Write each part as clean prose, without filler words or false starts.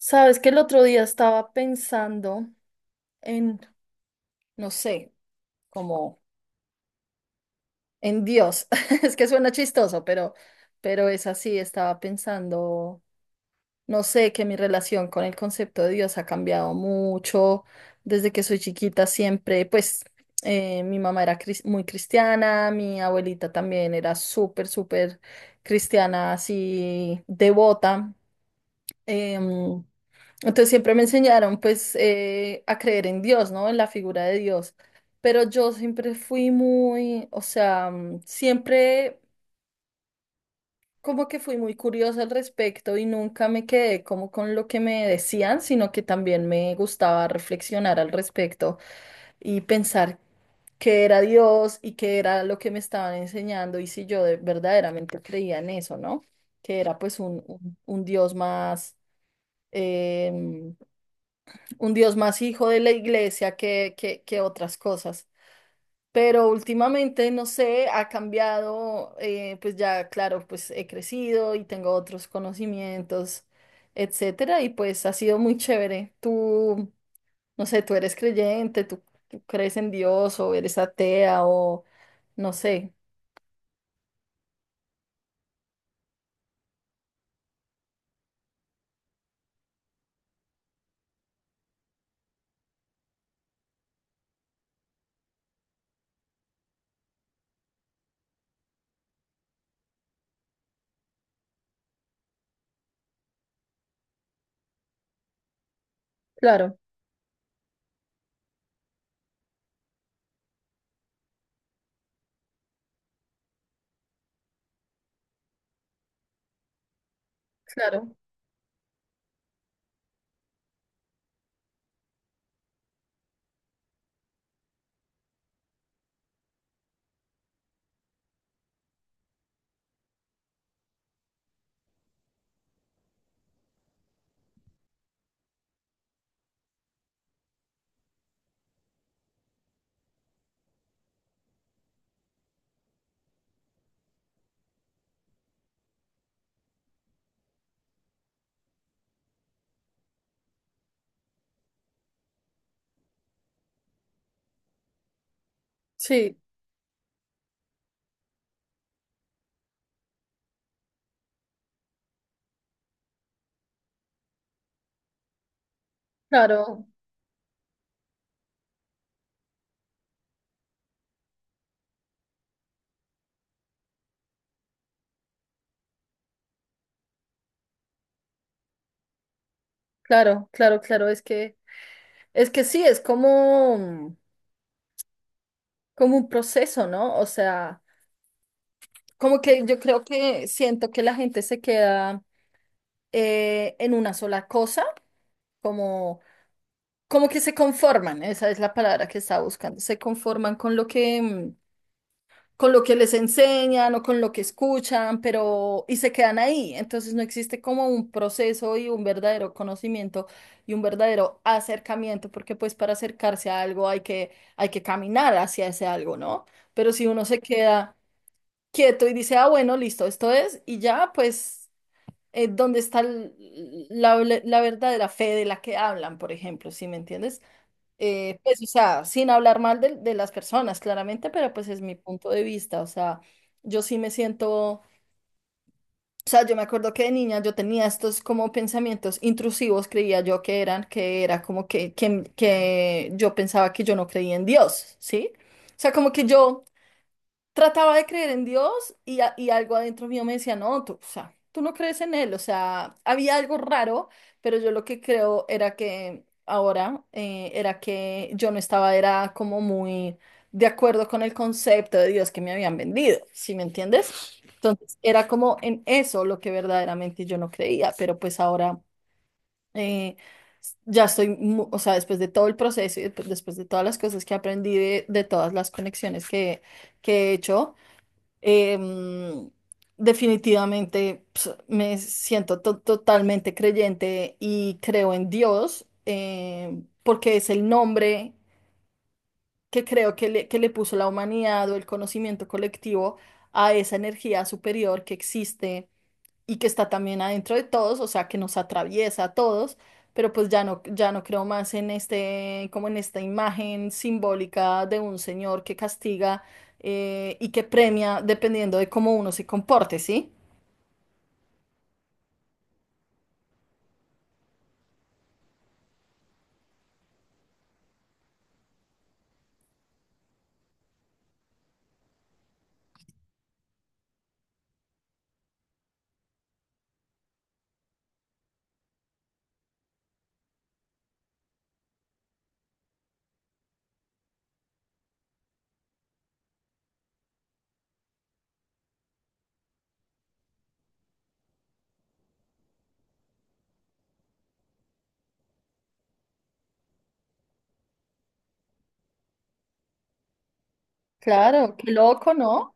Sabes que el otro día estaba pensando en, no sé, como en Dios. Es que suena chistoso, pero es así. Estaba pensando, no sé, que mi relación con el concepto de Dios ha cambiado mucho. Desde que soy chiquita siempre, pues mi mamá era muy cristiana, mi abuelita también era súper, súper cristiana, así devota. Em, entonces siempre me enseñaron pues a creer en Dios, ¿no? En la figura de Dios. Pero yo siempre fui muy, o sea, siempre como que fui muy curiosa al respecto y nunca me quedé como con lo que me decían, sino que también me gustaba reflexionar al respecto y pensar qué era Dios y qué era lo que me estaban enseñando y si yo verdaderamente creía en eso, ¿no? Que era pues un Dios más. em, un Dios más hijo de la iglesia que otras cosas. Pero últimamente, no sé, ha cambiado, pues ya, claro, pues he crecido y tengo otros conocimientos, etcétera, y pues ha sido muy chévere. Tú, no sé, tú eres creyente, tú crees en Dios o eres atea o no sé. Claro, claro, sí, claro, claro, claro, claro, es que sí, es como, como un proceso, ¿no? O sea, como que yo creo que siento que la gente se queda en una sola cosa, como, como que se conforman, esa es la palabra que estaba buscando, se conforman con lo que, con lo que les enseñan o con lo que escuchan, pero y se quedan ahí. Entonces no existe como un proceso y un verdadero conocimiento y un verdadero acercamiento, porque pues para acercarse a algo hay que caminar hacia ese algo, ¿no? Pero si uno se queda quieto y dice, ah, bueno, listo, esto es, y ya, pues ¿dónde está la, la verdadera fe de la que hablan? Por ejemplo, ¿si me entiendes? Pues, o sea, sin hablar mal de las personas, claramente, pero pues es mi punto de vista, o sea, yo sí me siento, o sea, yo me acuerdo que de niña yo tenía estos como pensamientos intrusivos, creía yo que eran, que era como que yo pensaba que yo no creía en Dios, ¿sí? O sea, como que yo trataba de creer en Dios y, y algo adentro mío me decía, no, tú, o sea, tú no crees en él, o sea, había algo raro, pero yo lo que creo era que ahora era que yo no estaba, era como muy de acuerdo con el concepto de Dios que me habían vendido, ¿sí me entiendes? Entonces era como en eso lo que verdaderamente yo no creía, pero pues ahora eh, ya estoy, o sea, después de todo el proceso y después de todas las cosas que aprendí, de todas las conexiones que he hecho. Em, definitivamente ps, me siento totalmente creyente y creo en Dios, porque es el nombre que creo que le puso la humanidad o el conocimiento colectivo a esa energía superior que existe y que está también adentro de todos, o sea, que nos atraviesa a todos, pero pues ya no, ya no creo más en este, como en esta imagen simbólica de un señor que castiga y que premia dependiendo de cómo uno se comporte, ¿sí? Claro, qué loco, ¿no?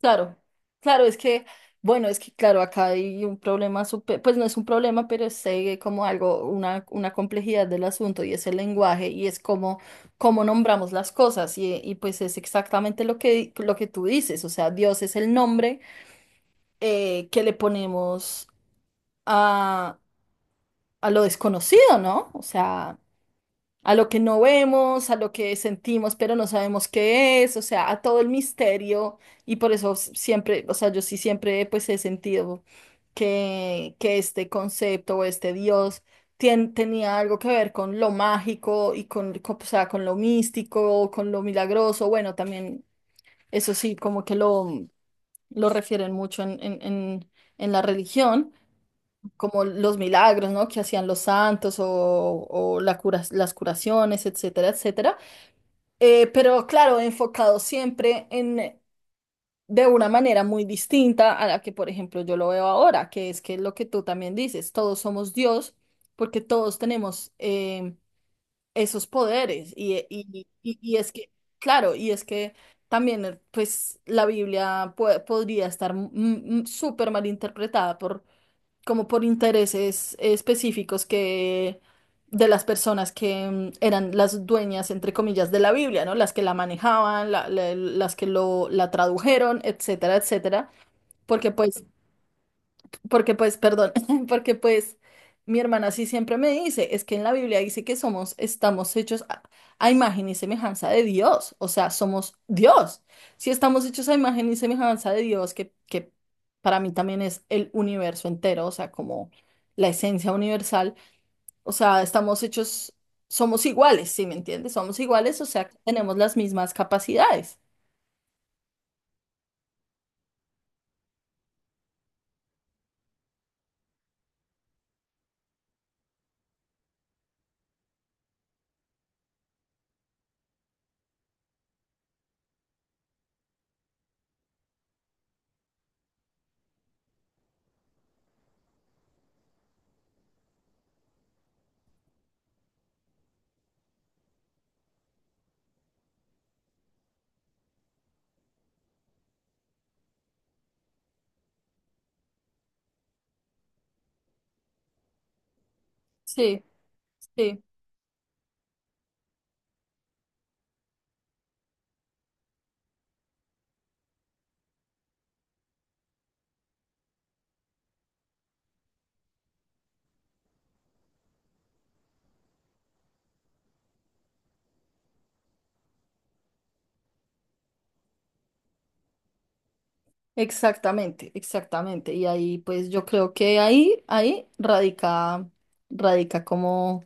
Claro, claro, es que, bueno, es que, claro, acá hay un problema, súper, pues no es un problema, pero es como algo, una complejidad del asunto y es el lenguaje y es como, cómo nombramos las cosas y pues es exactamente lo que tú dices, o sea, Dios es el nombre que le ponemos a, a lo desconocido, ¿no? O sea, a lo que no vemos, a lo que sentimos, pero no sabemos qué es, o sea, a todo el misterio y por eso siempre, o sea, yo sí siempre pues he sentido que este concepto o este Dios tenía algo que ver con lo mágico y con, o sea, con lo místico, con lo milagroso, bueno, también eso sí, como que lo refieren mucho en, en en la religión, como los milagros, ¿no? Que hacían los santos o la las curaciones, etcétera, etcétera. Pero claro, enfocado siempre en de una manera muy distinta a la que, por ejemplo, yo lo veo ahora, que es que lo que tú también dices, todos somos Dios porque todos tenemos esos poderes y, y es que, claro, y es que también, pues, la Biblia podría estar súper mal interpretada por, como por intereses específicos que, de las personas que, eran las dueñas, entre comillas, de la Biblia, ¿no? Las que la manejaban, las que lo, la tradujeron, etcétera, etcétera, porque pues perdón, porque pues mi hermana sí siempre me dice, es que en la Biblia dice que somos, estamos hechos a imagen y semejanza de Dios, o sea, somos Dios. Si estamos hechos a imagen y semejanza de Dios, que para mí también es el universo entero, o sea, como la esencia universal, o sea, estamos hechos, somos iguales, ¿sí me entiendes? Somos iguales, o sea, tenemos las mismas capacidades. Sí, sí. Exactamente, exactamente. Y ahí, pues yo creo que ahí, ahí radica, radica como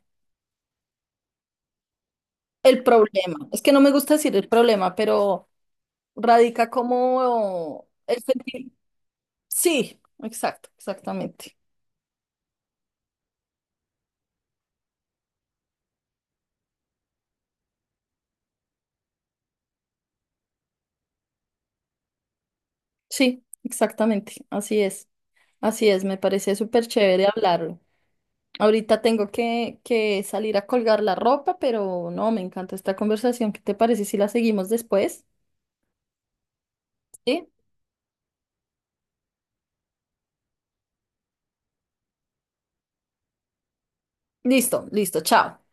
el problema. Es que no me gusta decir el problema, pero radica como el sentir. Sí, exacto, exactamente. Sí, exactamente. Así es, así es. Me parece súper chévere hablarlo. Ahorita tengo que salir a colgar la ropa, pero no, me encanta esta conversación. ¿Qué te parece si la seguimos después? Sí. Listo, listo, chao.